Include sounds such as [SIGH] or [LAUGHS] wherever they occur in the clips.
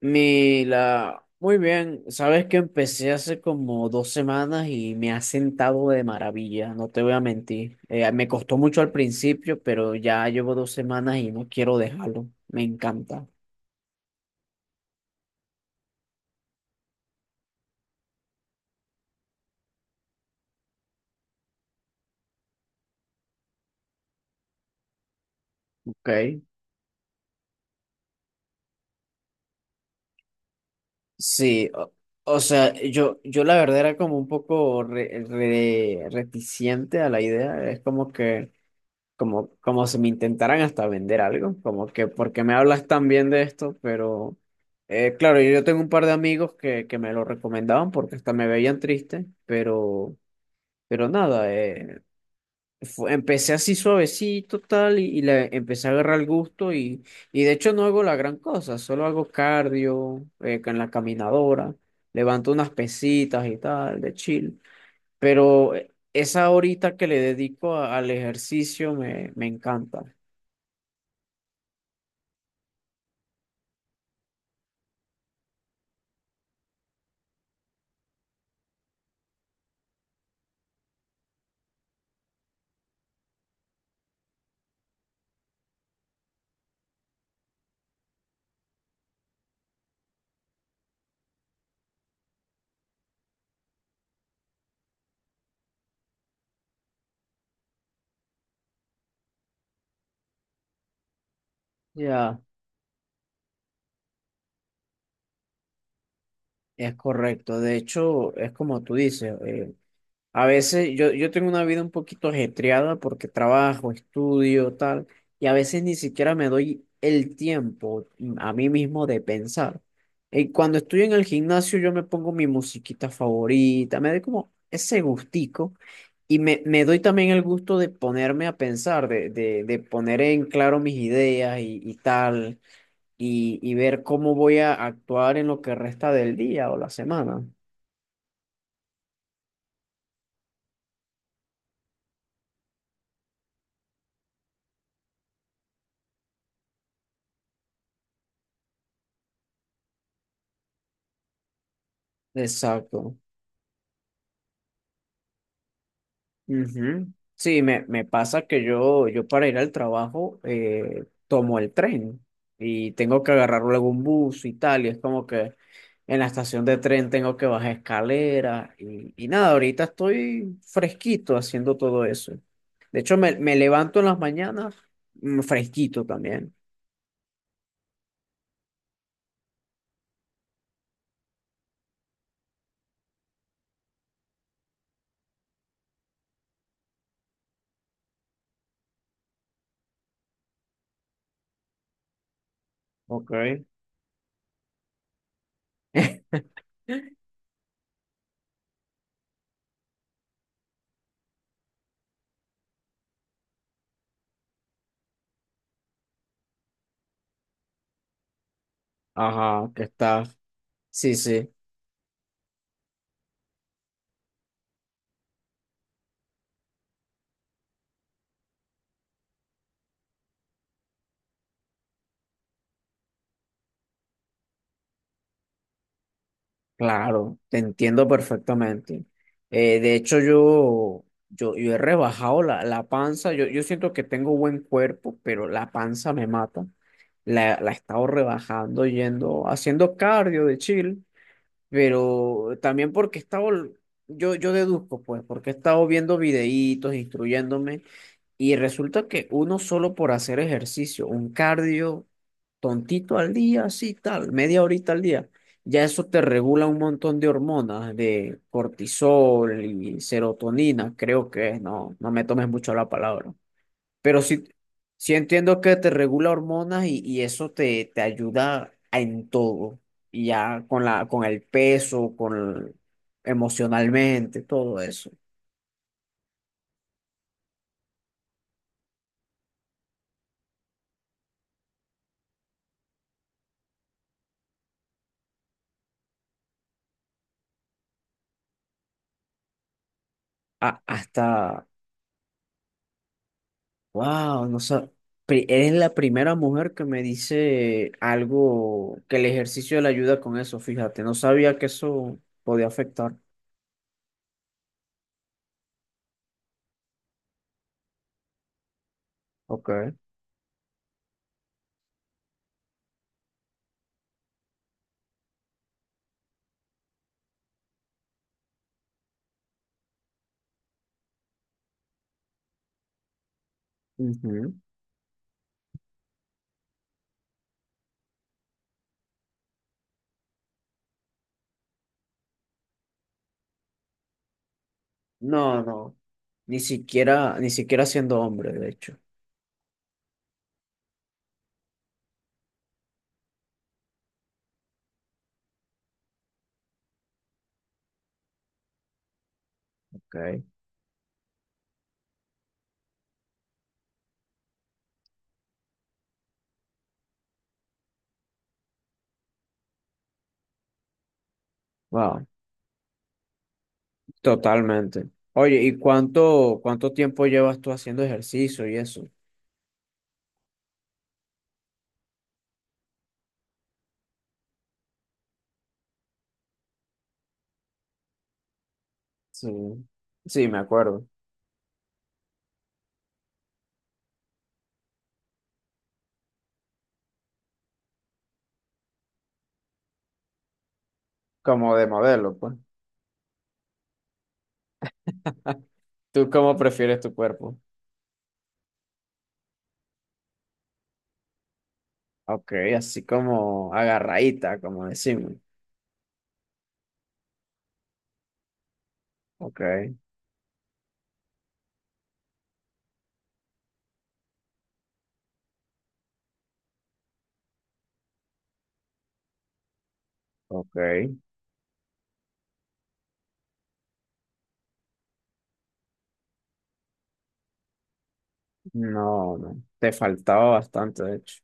Mila, muy bien, sabes que empecé hace como dos semanas y me ha sentado de maravilla, no te voy a mentir. Me costó mucho al principio, pero ya llevo dos semanas y no quiero dejarlo, me encanta. Ok. Sí, o, o sea, yo la verdad era como un poco reticente a la idea, es como que como si me intentaran hasta vender algo, como que porque me hablas tan bien de esto, pero claro, yo tengo un par de amigos que me lo recomendaban porque hasta me veían triste, pero nada, empecé así suavecito tal y le empecé a agarrar el gusto. De hecho, no hago la gran cosa, solo hago cardio en la caminadora, levanto unas pesitas y tal, de chill, pero esa horita que le dedico al ejercicio me encanta. Ya, es correcto. De hecho, es como tú dices, a veces yo tengo una vida un poquito ajetreada porque trabajo, estudio, tal, y a veces ni siquiera me doy el tiempo a mí mismo de pensar. Y cuando estoy en el gimnasio, yo me pongo mi musiquita favorita, me doy como ese gustico y me doy también el gusto de ponerme a pensar, de poner en claro mis ideas y tal, y ver cómo voy a actuar en lo que resta del día o la semana. Exacto. Ujú. Sí, me pasa que yo para ir al trabajo tomo el tren y tengo que agarrar luego un bus y tal, y es como que en la estación de tren tengo que bajar escaleras y nada, ahorita estoy fresquito haciendo todo eso. De hecho, me levanto en las mañanas fresquito también. Ok. [LAUGHS] Ajá, que está. Sí, sí. Claro, te entiendo perfectamente. De hecho, yo he rebajado la panza. Yo siento que tengo buen cuerpo, pero la panza me mata. La he estado rebajando yendo, haciendo cardio de chill, pero también porque he estado, yo deduzco, pues, porque he estado viendo videitos, instruyéndome y resulta que uno solo por hacer ejercicio, un cardio tontito al día, así tal, media horita al día, ya eso te regula un montón de hormonas, de cortisol y serotonina, creo que es, no me tomes mucho la palabra. Pero sí, sí entiendo que te regula hormonas y eso te ayuda en todo. Y ya con con el peso, emocionalmente, todo eso. A- hasta Wow, no sab- pri- Eres la primera mujer que me dice algo que el ejercicio le ayuda con eso, fíjate, no sabía que eso podía afectar. Ok. Ujú. No, no, ni siquiera, ni siquiera siendo hombre, de hecho. Ok. Wow, totalmente. Oye, ¿y cuánto, cuánto tiempo llevas tú haciendo ejercicio y eso? Sí, sí, me acuerdo. Como de modelo, pues. [LAUGHS] ¿Tú cómo prefieres tu cuerpo? Ok, así como agarradita, como decimos. Ok, ok. No, no. Te faltaba bastante, de hecho.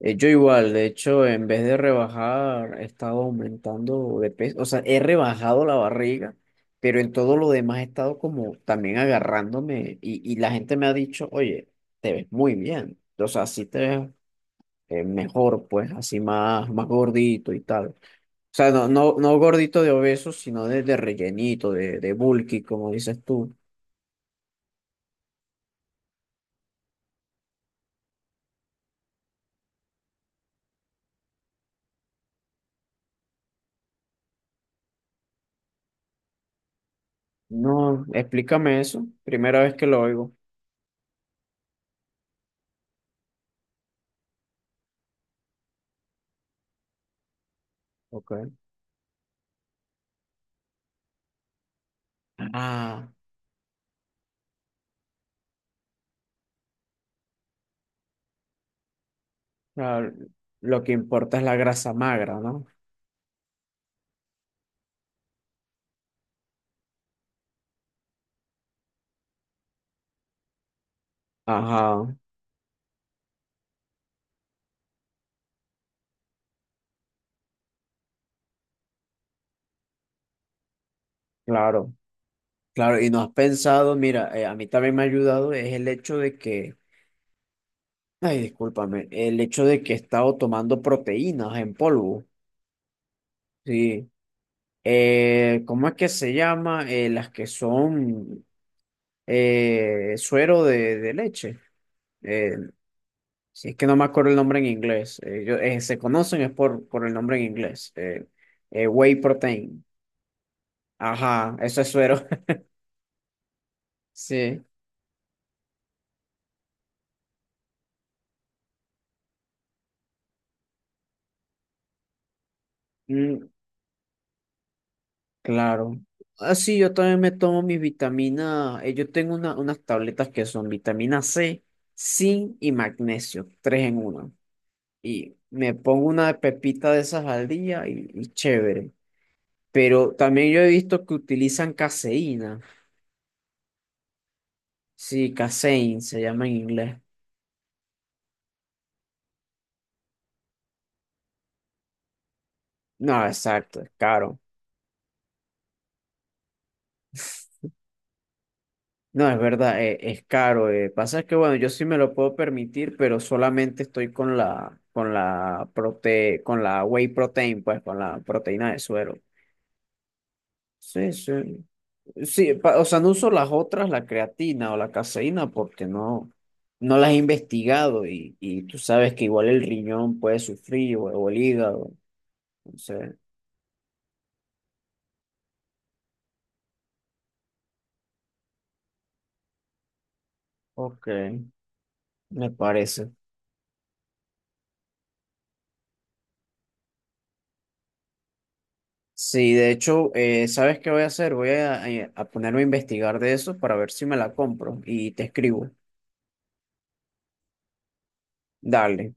Yo igual, de hecho, en vez de rebajar, he estado aumentando de peso. O sea, he rebajado la barriga, pero en todo lo demás he estado como también agarrándome. Y la gente me ha dicho, oye, te ves muy bien. O sea, así te ves mejor, pues, así más, más gordito y tal. O sea, no, no, no gordito de obeso, sino de rellenito, de bulky, como dices tú. No, explícame eso. Primera vez que lo oigo. Ok. Ah, claro, lo que importa es la grasa magra, ¿no? Ajá, claro, claro. Y no has pensado, mira, a mí también me ha ayudado es el hecho de que, ay, discúlpame, el hecho de que he estado tomando proteínas en polvo, sí. ¿Cómo es que se llama? Las que son suero de leche. Eh, si es que no me acuerdo el nombre en inglés. Se conocen es por el nombre en inglés. Whey protein. Ajá, eso es suero. [LAUGHS] Sí, mm, claro. Así yo también me tomo mis vitaminas. Yo tengo unas tabletas que son vitamina C, zinc y magnesio, tres en una. Y me pongo una pepita de esas al día y chévere. Pero también yo he visto que utilizan caseína. Sí, Casein se llama en inglés. No, exacto, es caro. No, es verdad, es caro. Pasa es que, bueno, yo sí me lo puedo permitir, pero solamente estoy con con la con la whey protein, pues, con la proteína de suero. Sí, sí. O sea, no uso las otras, la creatina o la caseína, porque no, no las he investigado y tú sabes que igual el riñón puede sufrir o el hígado. Entonces, ok, me parece. Sí, de hecho, ¿sabes qué voy a hacer? Voy a ponerme a investigar de eso para ver si me la compro y te escribo. Dale.